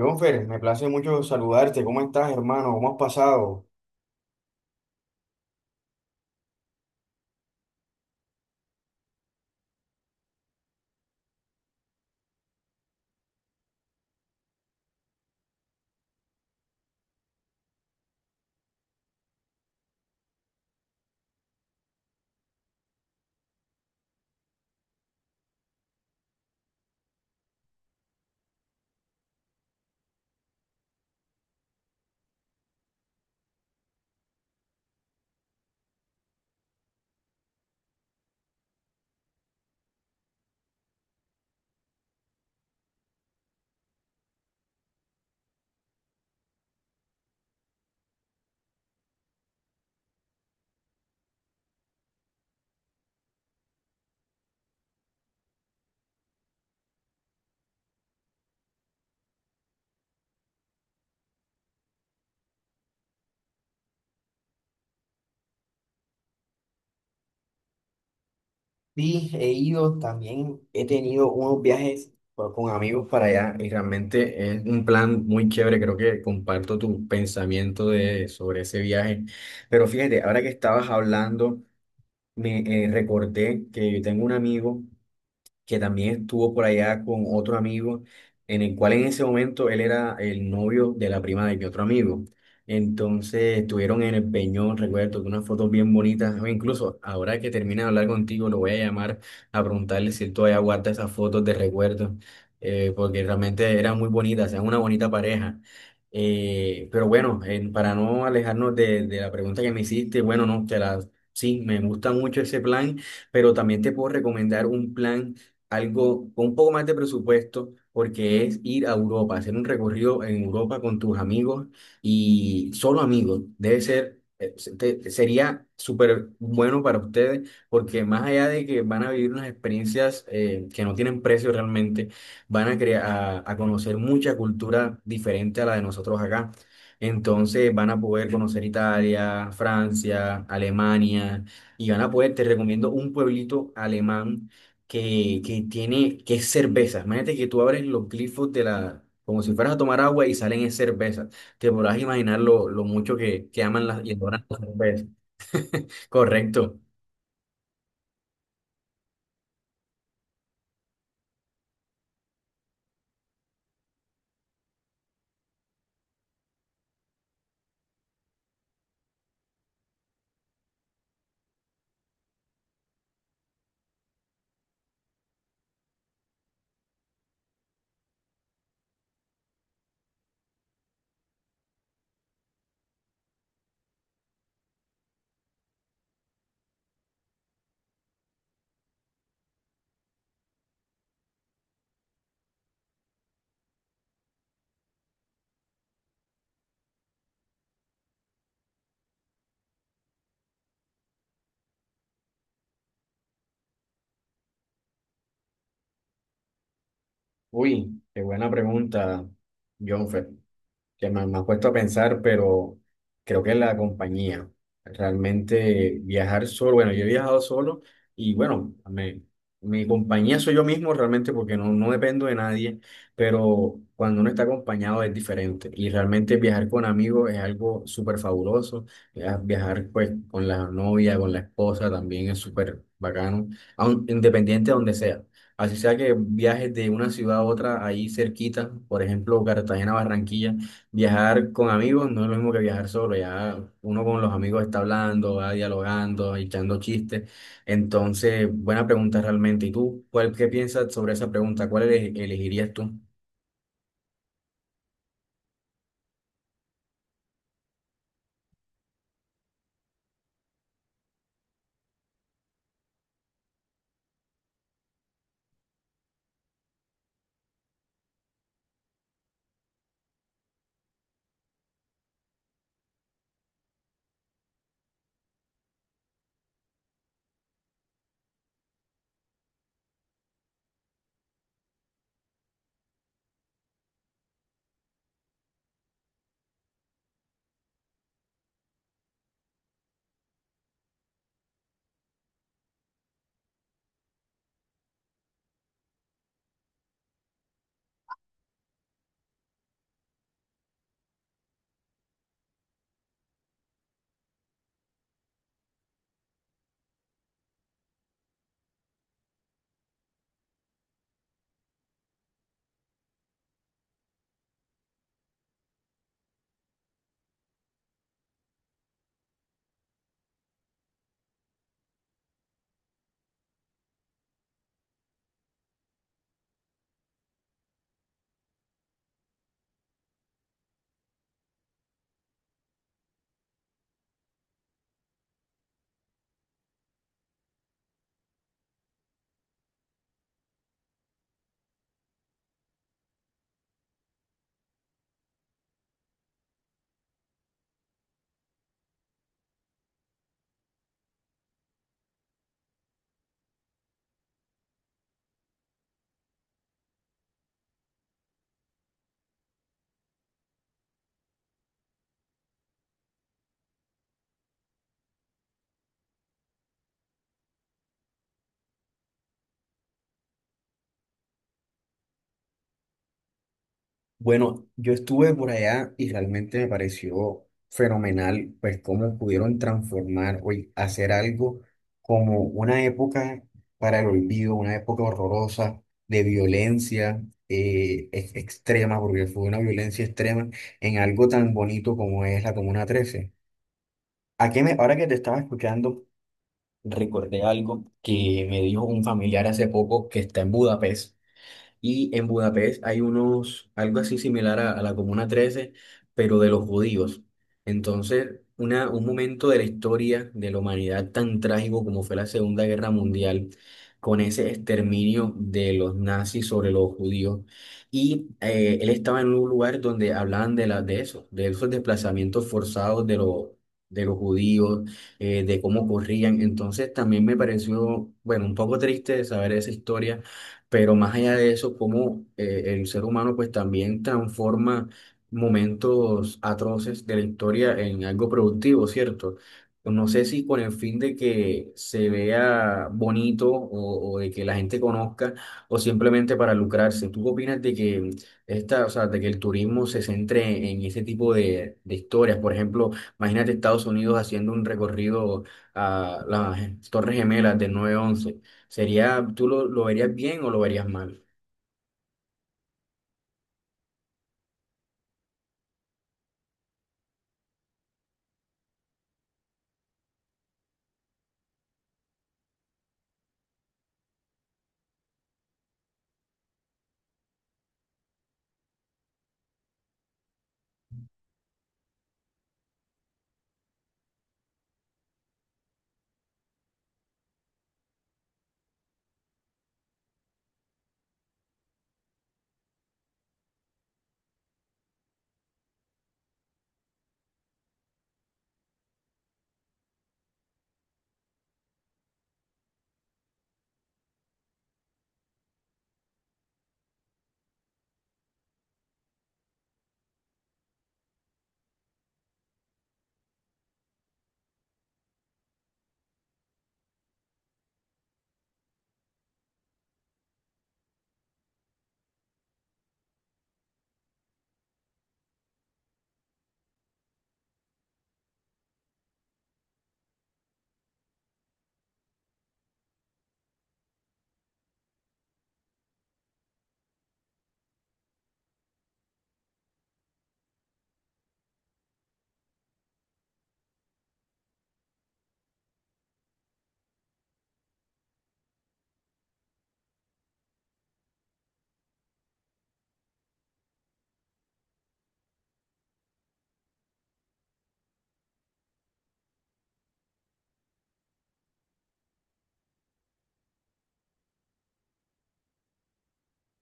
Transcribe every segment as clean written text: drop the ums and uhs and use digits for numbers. Jonfer, me place mucho saludarte. ¿Cómo estás, hermano? ¿Cómo has pasado? Sí, he ido, también he tenido unos viajes con amigos para allá y realmente es un plan muy chévere. Creo que comparto tu pensamiento sobre ese viaje. Pero fíjate, ahora que estabas hablando, me recordé que yo tengo un amigo que también estuvo por allá con otro amigo, en el cual en ese momento él era el novio de la prima de mi otro amigo. Entonces estuvieron en el Peñón, recuerdo, que unas fotos bien bonitas. O incluso ahora que termine de hablar contigo, lo voy a llamar a preguntarle si él todavía guarda esas fotos de recuerdo, porque realmente eran muy bonitas, eran una bonita pareja. Pero bueno, para no alejarnos de la pregunta que me hiciste, bueno, no, sí, me gusta mucho ese plan, pero también te puedo recomendar un plan algo con un poco más de presupuesto, porque es ir a Europa, hacer un recorrido en Europa con tus amigos y solo amigos. Debe ser, sería súper bueno para ustedes, porque más allá de que van a vivir unas experiencias que no tienen precio realmente, van a, crea- a conocer mucha cultura diferente a la de nosotros acá. Entonces van a poder conocer Italia, Francia, Alemania y van a poder, te recomiendo un pueblito alemán que es cerveza. Imagínate que tú abres los glifos de la como si fueras a tomar agua y salen es cerveza. Te podrás imaginar lo mucho que aman y adoran las cervezas. Correcto. Uy, qué buena pregunta, Jonfer, me has puesto a pensar, pero creo que la compañía, realmente viajar solo, bueno, yo he viajado solo y bueno, mi compañía soy yo mismo realmente porque no dependo de nadie, pero cuando uno está acompañado es diferente y realmente viajar con amigos es algo súper fabuloso. Viajar pues con la novia, con la esposa también es súper bacano, aun, independiente de donde sea. Así sea que viajes de una ciudad a otra ahí cerquita, por ejemplo, Cartagena, Barranquilla, viajar con amigos no es lo mismo que viajar solo, ya uno con los amigos está hablando, va dialogando, echando chistes. Entonces, buena pregunta realmente. ¿Y tú, qué piensas sobre esa pregunta? ¿Cuál elegirías tú? Bueno, yo estuve por allá y realmente me pareció fenomenal, pues cómo pudieron transformar o y hacer algo como una época para el olvido, una época horrorosa de violencia extrema, porque fue una violencia extrema, en algo tan bonito como es la Comuna 13. ¿A qué me, ahora que te estaba escuchando, recordé algo que me dijo un familiar hace poco que está en Budapest y en Budapest hay unos, algo así similar a la Comuna 13, pero de los judíos. Entonces, un momento de la historia de la humanidad tan trágico como fue la Segunda Guerra Mundial, con ese exterminio de los nazis sobre los judíos. Y él estaba en un lugar donde hablaban de eso, de esos desplazamientos forzados de los judíos, de cómo corrían. Entonces, también me pareció, bueno, un poco triste saber esa historia, pero más allá de eso, cómo el ser humano pues también transforma momentos atroces de la historia en algo productivo, ¿cierto? No sé si con el fin de que se vea bonito o de que la gente conozca o simplemente para lucrarse. ¿Tú qué opinas de que o sea, de que el turismo se centre en ese tipo de historias? Por ejemplo, imagínate Estados Unidos haciendo un recorrido a las Torres Gemelas del nueve once. Sería, ¿tú lo verías bien o lo verías mal?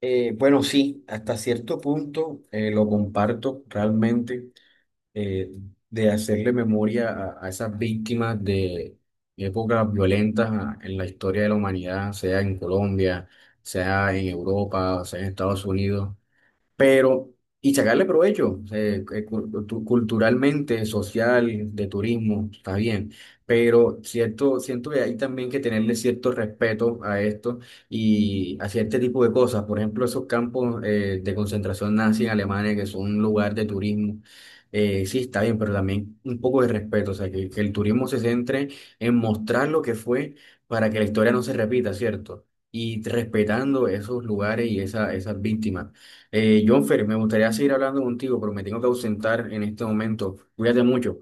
Bueno, sí, hasta cierto punto lo comparto realmente, eh, de hacerle memoria a esas víctimas de épocas violentas en la historia de la humanidad, sea en Colombia, sea en Europa, sea en Estados Unidos, pero, y sacarle provecho culturalmente, social, de turismo, está bien, pero cierto, siento que hay también que tenerle cierto respeto a esto y hacia este tipo de cosas, por ejemplo, esos campos de concentración nazi en Alemania que son un lugar de turismo. Sí, está bien, pero también un poco de respeto, o sea, que el turismo se centre en mostrar lo que fue para que la historia no se repita, ¿cierto? Y respetando esos lugares y esas víctimas. Jonfer, me gustaría seguir hablando contigo, pero me tengo que ausentar en este momento. Cuídate mucho.